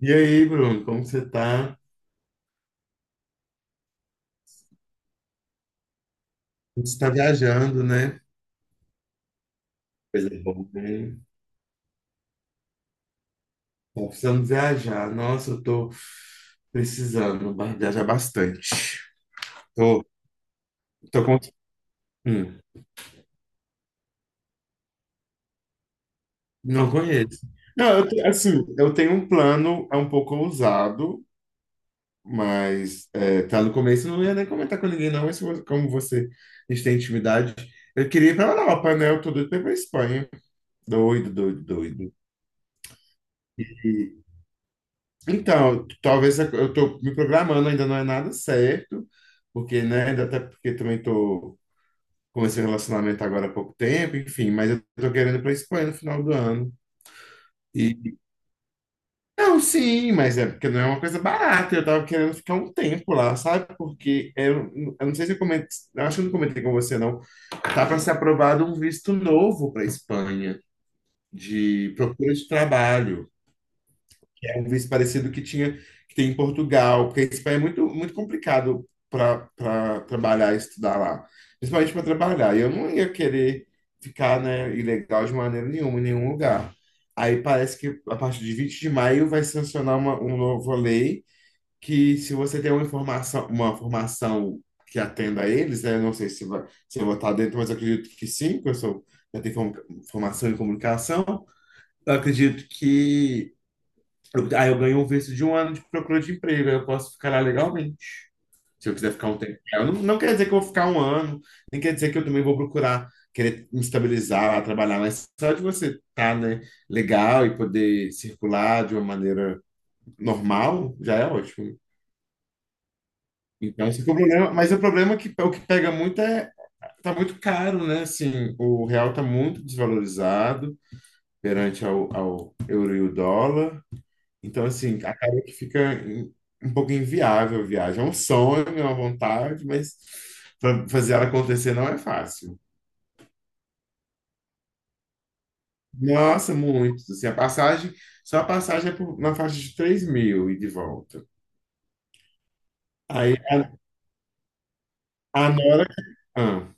E aí, Bruno, como você tá? A gente está viajando, né? Coisa boa, né? Tá precisando viajar. Nossa, eu tô precisando viajar bastante. Tô, tô com... hum, não conheço. Não, assim, eu tenho um plano, é um pouco ousado, mas é, tá no começo, eu não ia nem comentar com ninguém, não, mas como você, a gente tem intimidade, eu queria ir pra Europa, né? Eu tô doido pra ir pra Espanha. Doido, doido, doido. Então, talvez eu tô me programando, ainda não é nada certo, porque, né, ainda até porque também tô comecei o relacionamento agora há pouco tempo, enfim, mas eu tô querendo ir pra Espanha no final do ano. E não, sim, mas é porque não é uma coisa barata, eu tava querendo ficar um tempo lá, sabe? Porque eu não sei se eu comentei, eu acho que eu não comentei com você, não. Tá para ser aprovado um visto novo para Espanha de procura de trabalho. É um visto parecido que tinha que tem em Portugal, porque a Espanha é muito, muito complicado para trabalhar e estudar lá, principalmente para trabalhar. E eu não ia querer ficar, né, ilegal de maneira nenhuma, em nenhum lugar. Aí parece que a partir de 20 de maio vai sancionar uma nova lei que se você tem uma informação, uma formação que atenda a eles, né, não sei se vai, se eu vou estar dentro, mas eu acredito que sim, porque eu sou, já tenho formação em comunicação. Eu acredito que aí eu ganho um visto de um ano de procura de emprego, aí eu posso ficar lá legalmente. Se eu quiser ficar um tempo. Eu não, não quer dizer que eu vou ficar um ano, nem quer dizer que eu também vou procurar querer me estabilizar lá, trabalhar, mas só de você estar, né, legal e poder circular de uma maneira normal, já é ótimo. Então, esse é o problema, mas o problema é que o que pega muito é tá muito caro, né? Assim, o real tá muito desvalorizado perante ao euro e o dólar. Então, assim, acaba que fica um pouco inviável a viagem. É um sonho, é uma vontade, mas fazer ela acontecer não é fácil. Nossa, muito. Assim, a passagem, só a passagem na faixa de 3.000 e de volta. Aí a Nora. Ah.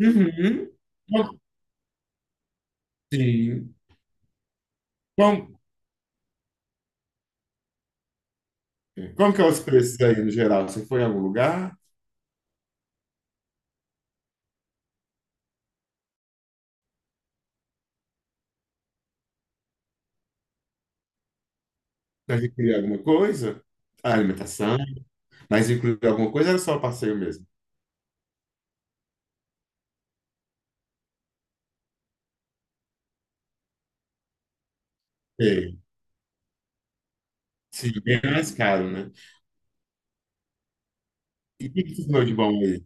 Uhum. Como- Sim. Como, como que é os preços aí no geral? Você foi em algum lugar? Mas incluir alguma coisa? A alimentação? Mas incluir alguma coisa ou era só o passeio mesmo? Sim, sim, bem mais caro, né? O que você comeu de bom aí?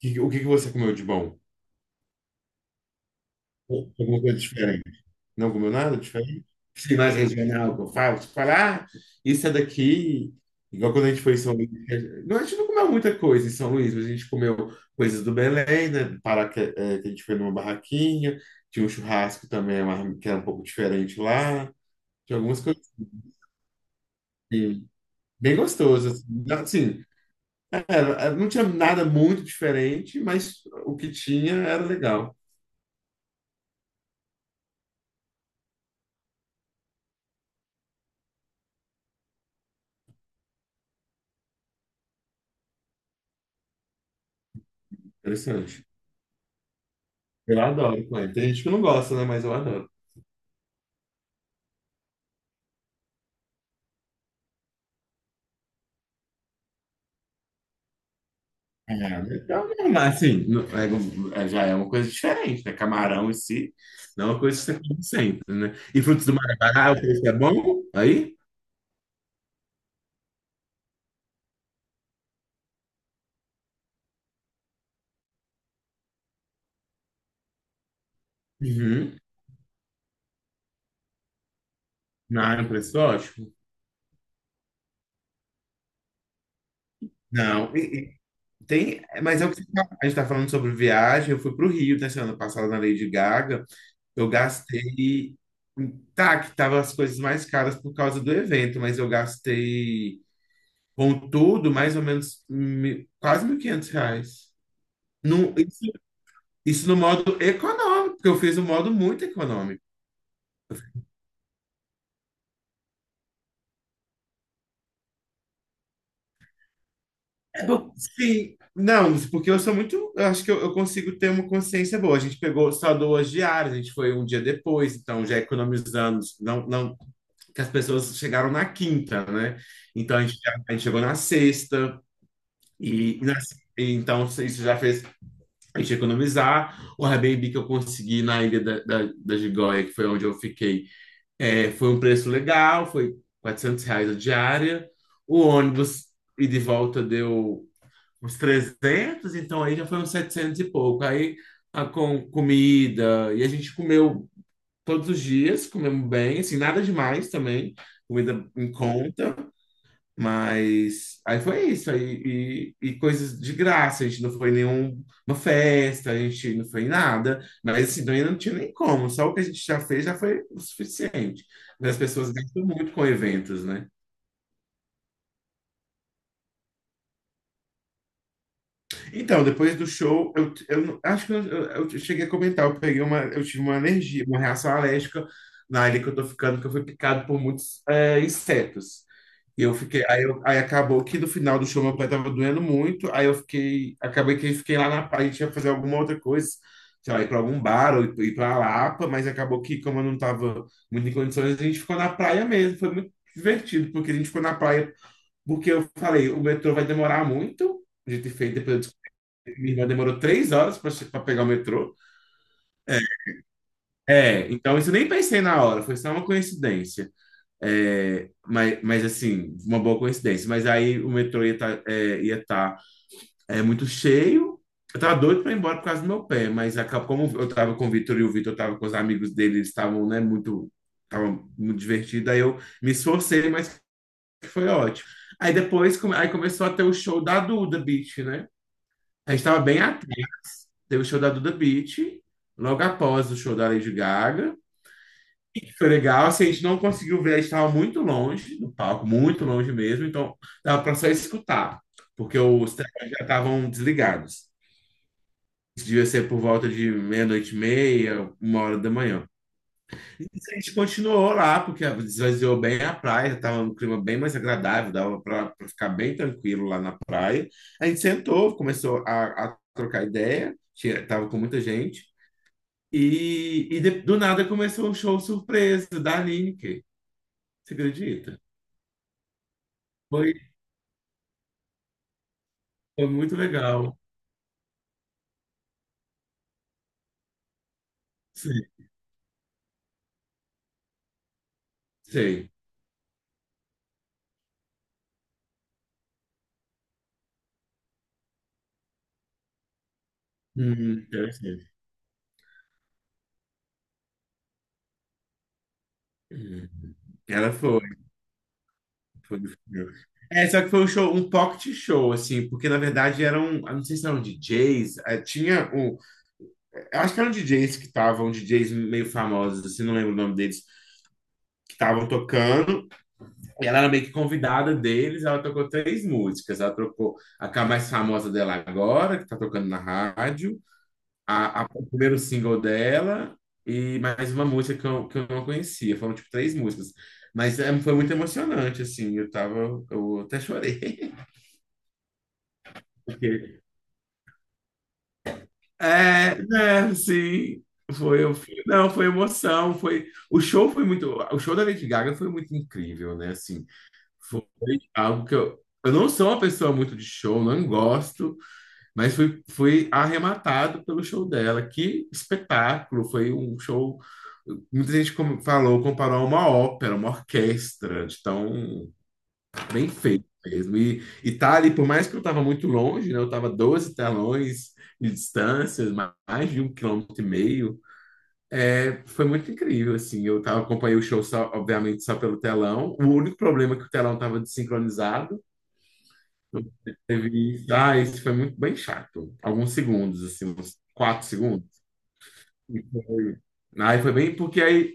O que que você comeu de bom? Alguma coisa diferente? Não comeu nada diferente? Sim, mais regional, que eu falo, tipo, falar, ah, isso é daqui. Igual quando a gente foi em São Luís. Não, a gente não comeu muita coisa em São Luís, mas a gente comeu coisas do Belém, né? Do Pará, que, é, que a gente foi numa barraquinha. Tinha um churrasco também, que era um pouco diferente lá. Tinha algumas coisas assim, bem gostosas. Assim, não tinha nada muito diferente, mas o que tinha era legal. Interessante. Eu adoro Coen. Tem gente que não gosta, né? Mas eu adoro. É, então, é, mas assim, já é uma coisa diferente, né? Camarão em si, não é uma coisa que você come sempre, né? E frutos do mar é barato, isso é bom? Aí? Uhum. Não, é um preço ótimo. Não, e tem, mas é o que a gente tá falando sobre viagem. Eu fui pro Rio, né? Semana passada na Lady Gaga. Eu gastei, tá, que tava as coisas mais caras por causa do evento, mas eu gastei. Com tudo, mais ou menos quase R$ 1.500. No, isso no modo econômico, porque eu fiz um modo muito econômico. É bom. Sim, não, porque eu sou muito. Eu acho que eu consigo ter uma consciência boa. A gente pegou só duas diárias, a gente foi um dia depois, então já economizamos. Não, não, que as pessoas chegaram na quinta, né? Então a gente, a gente chegou na sexta, e, e então isso já fez a gente economizar. O Airbnb que eu consegui na Ilha da Gigoia, que foi onde eu fiquei. É, foi um preço legal, foi R$ 400 a diária. O ônibus e de volta deu uns 300 então aí já foi uns 700 e pouco. Aí com comida, e a gente comeu todos os dias, comemos bem, assim, nada demais também, comida em conta. Mas aí foi isso, aí, e coisas de graça, a gente não foi em nenhuma festa, a gente não foi em nada, mas assim, também não tinha nem como, só o que a gente já fez já foi o suficiente. Mas as pessoas gastam muito com eventos, né? Então, depois do show, eu não- acho que eu cheguei a comentar, eu peguei uma, eu tive uma alergia, uma reação alérgica na ilha que eu tô ficando, que eu fui picado por muitos insetos. E eu fiquei, aí acabou que no final do show meu pé tava doendo muito, aí eu fiquei, acabei que fiquei lá na praia, tinha que fazer alguma outra coisa, sei lá, ir pra algum bar ou ir pra Lapa, mas acabou que como eu não tava muito em condições, a gente ficou na praia mesmo, foi muito divertido, porque a gente ficou na praia, porque eu falei, o metrô vai demorar muito, a gente fez depois minha irmã demorou 3 horas para pegar o metrô. É, então isso eu nem pensei na hora, foi só uma coincidência. É, mas assim, uma boa coincidência. Mas aí o metrô ia estar é, ia tá, é, muito cheio. Eu tava doido para ir embora por causa do meu pé, mas acabou, como eu tava com o Vitor e o Vitor tava com os amigos dele, eles estavam, né, muito, tava muito divertido. Aí eu me esforcei, mas foi ótimo. Aí depois, aí começou a ter o show da Duda Beat, né? A gente tava bem à teve o show da Duda Beat, logo após o show da Lady Gaga. E foi legal, assim, a gente não conseguiu ver, a gente estava muito longe do palco, muito longe mesmo, então dava para só escutar, porque os telões já estavam desligados. Isso devia ser por volta de meia-noite e meia, 1 hora da manhã. E a gente continuou lá, porque esvaziou bem a praia, estava um clima bem mais agradável, dava para ficar bem tranquilo lá na praia. A gente sentou, começou a trocar ideia, tinha, tava com muita gente. E do nada começou um show surpresa da Lineker. Você acredita? Foi, foi muito legal. Sim, sei. Uhum, eu sei. Uhum. Ela foi. É, só que foi um show, um pocket show, assim, porque na verdade eram, eu não sei se eram DJs, tinha um, eu acho que eram DJs que estavam, DJs meio famosos, assim, não lembro o nome deles, que estavam tocando, ela era meio que convidada deles, ela tocou três músicas. Ela tocou a que é a mais famosa dela agora, que está tocando na rádio, o primeiro single dela e mais uma música que eu não conhecia. Foram, tipo, três músicas. Mas é, foi muito emocionante, assim. Eu tava. Eu até chorei. É, né, sim. Foi, não, foi emoção, foi, o show foi muito, o show da Lady Gaga foi muito incrível, né, assim, foi algo que eu não sou uma pessoa muito de show, não gosto. Mas fui arrematado pelo show dela. Que espetáculo! Foi um show. Muita gente falou, comparou a uma ópera, uma orquestra, de tão bem feito mesmo. E tá ali, por mais que eu estava muito longe, né? Eu estava 12 telões de distância, mais de um quilômetro e meio. É, foi muito incrível, assim. Eu tava, acompanhei o show, só, obviamente, só pelo telão. O único problema é que o telão estava desincronizado. Teve isso. Ah, isso foi muito bem chato. Alguns segundos, assim, uns 4 segundos. E foi- Aí foi bem porque aí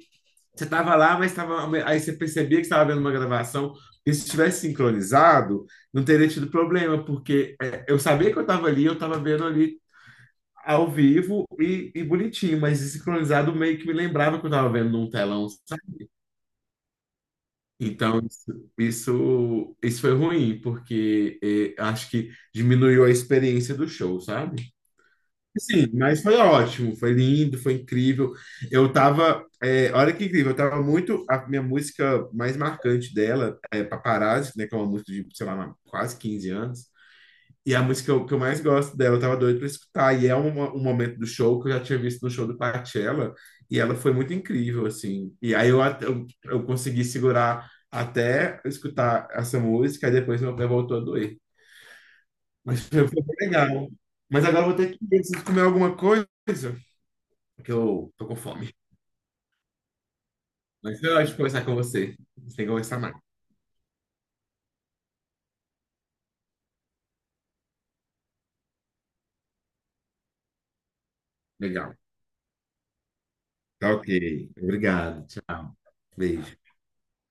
você tava lá, mas tava, aí você percebia que estava vendo uma gravação. E se tivesse sincronizado, não teria tido problema, porque eu sabia que eu estava ali, eu estava vendo ali ao vivo e bonitinho, mas sincronizado meio que me lembrava que eu estava vendo num telão, sabe? Então, isso foi ruim, porque acho que diminuiu a experiência do show, sabe? Sim, mas foi ótimo, foi lindo, foi incrível. Eu tava, olha que incrível, eu tava muito, a minha música mais marcante dela é Paparazzi, né, que é uma música de, sei lá, quase 15 anos. E é a música que eu mais gosto dela, eu tava doido pra escutar. E é um momento do show que eu já tinha visto no show do Coachella, e ela foi muito incrível, assim. E aí eu consegui segurar até eu escutar essa música, e depois meu pé voltou a doer. Mas foi legal. Mas agora eu vou ter que ir, preciso comer alguma coisa. Porque eu tô com fome. Mas eu acho que conversar com você. A tem que conversar mais. Legal. Tá ok. Obrigado. Tchau. Beijo.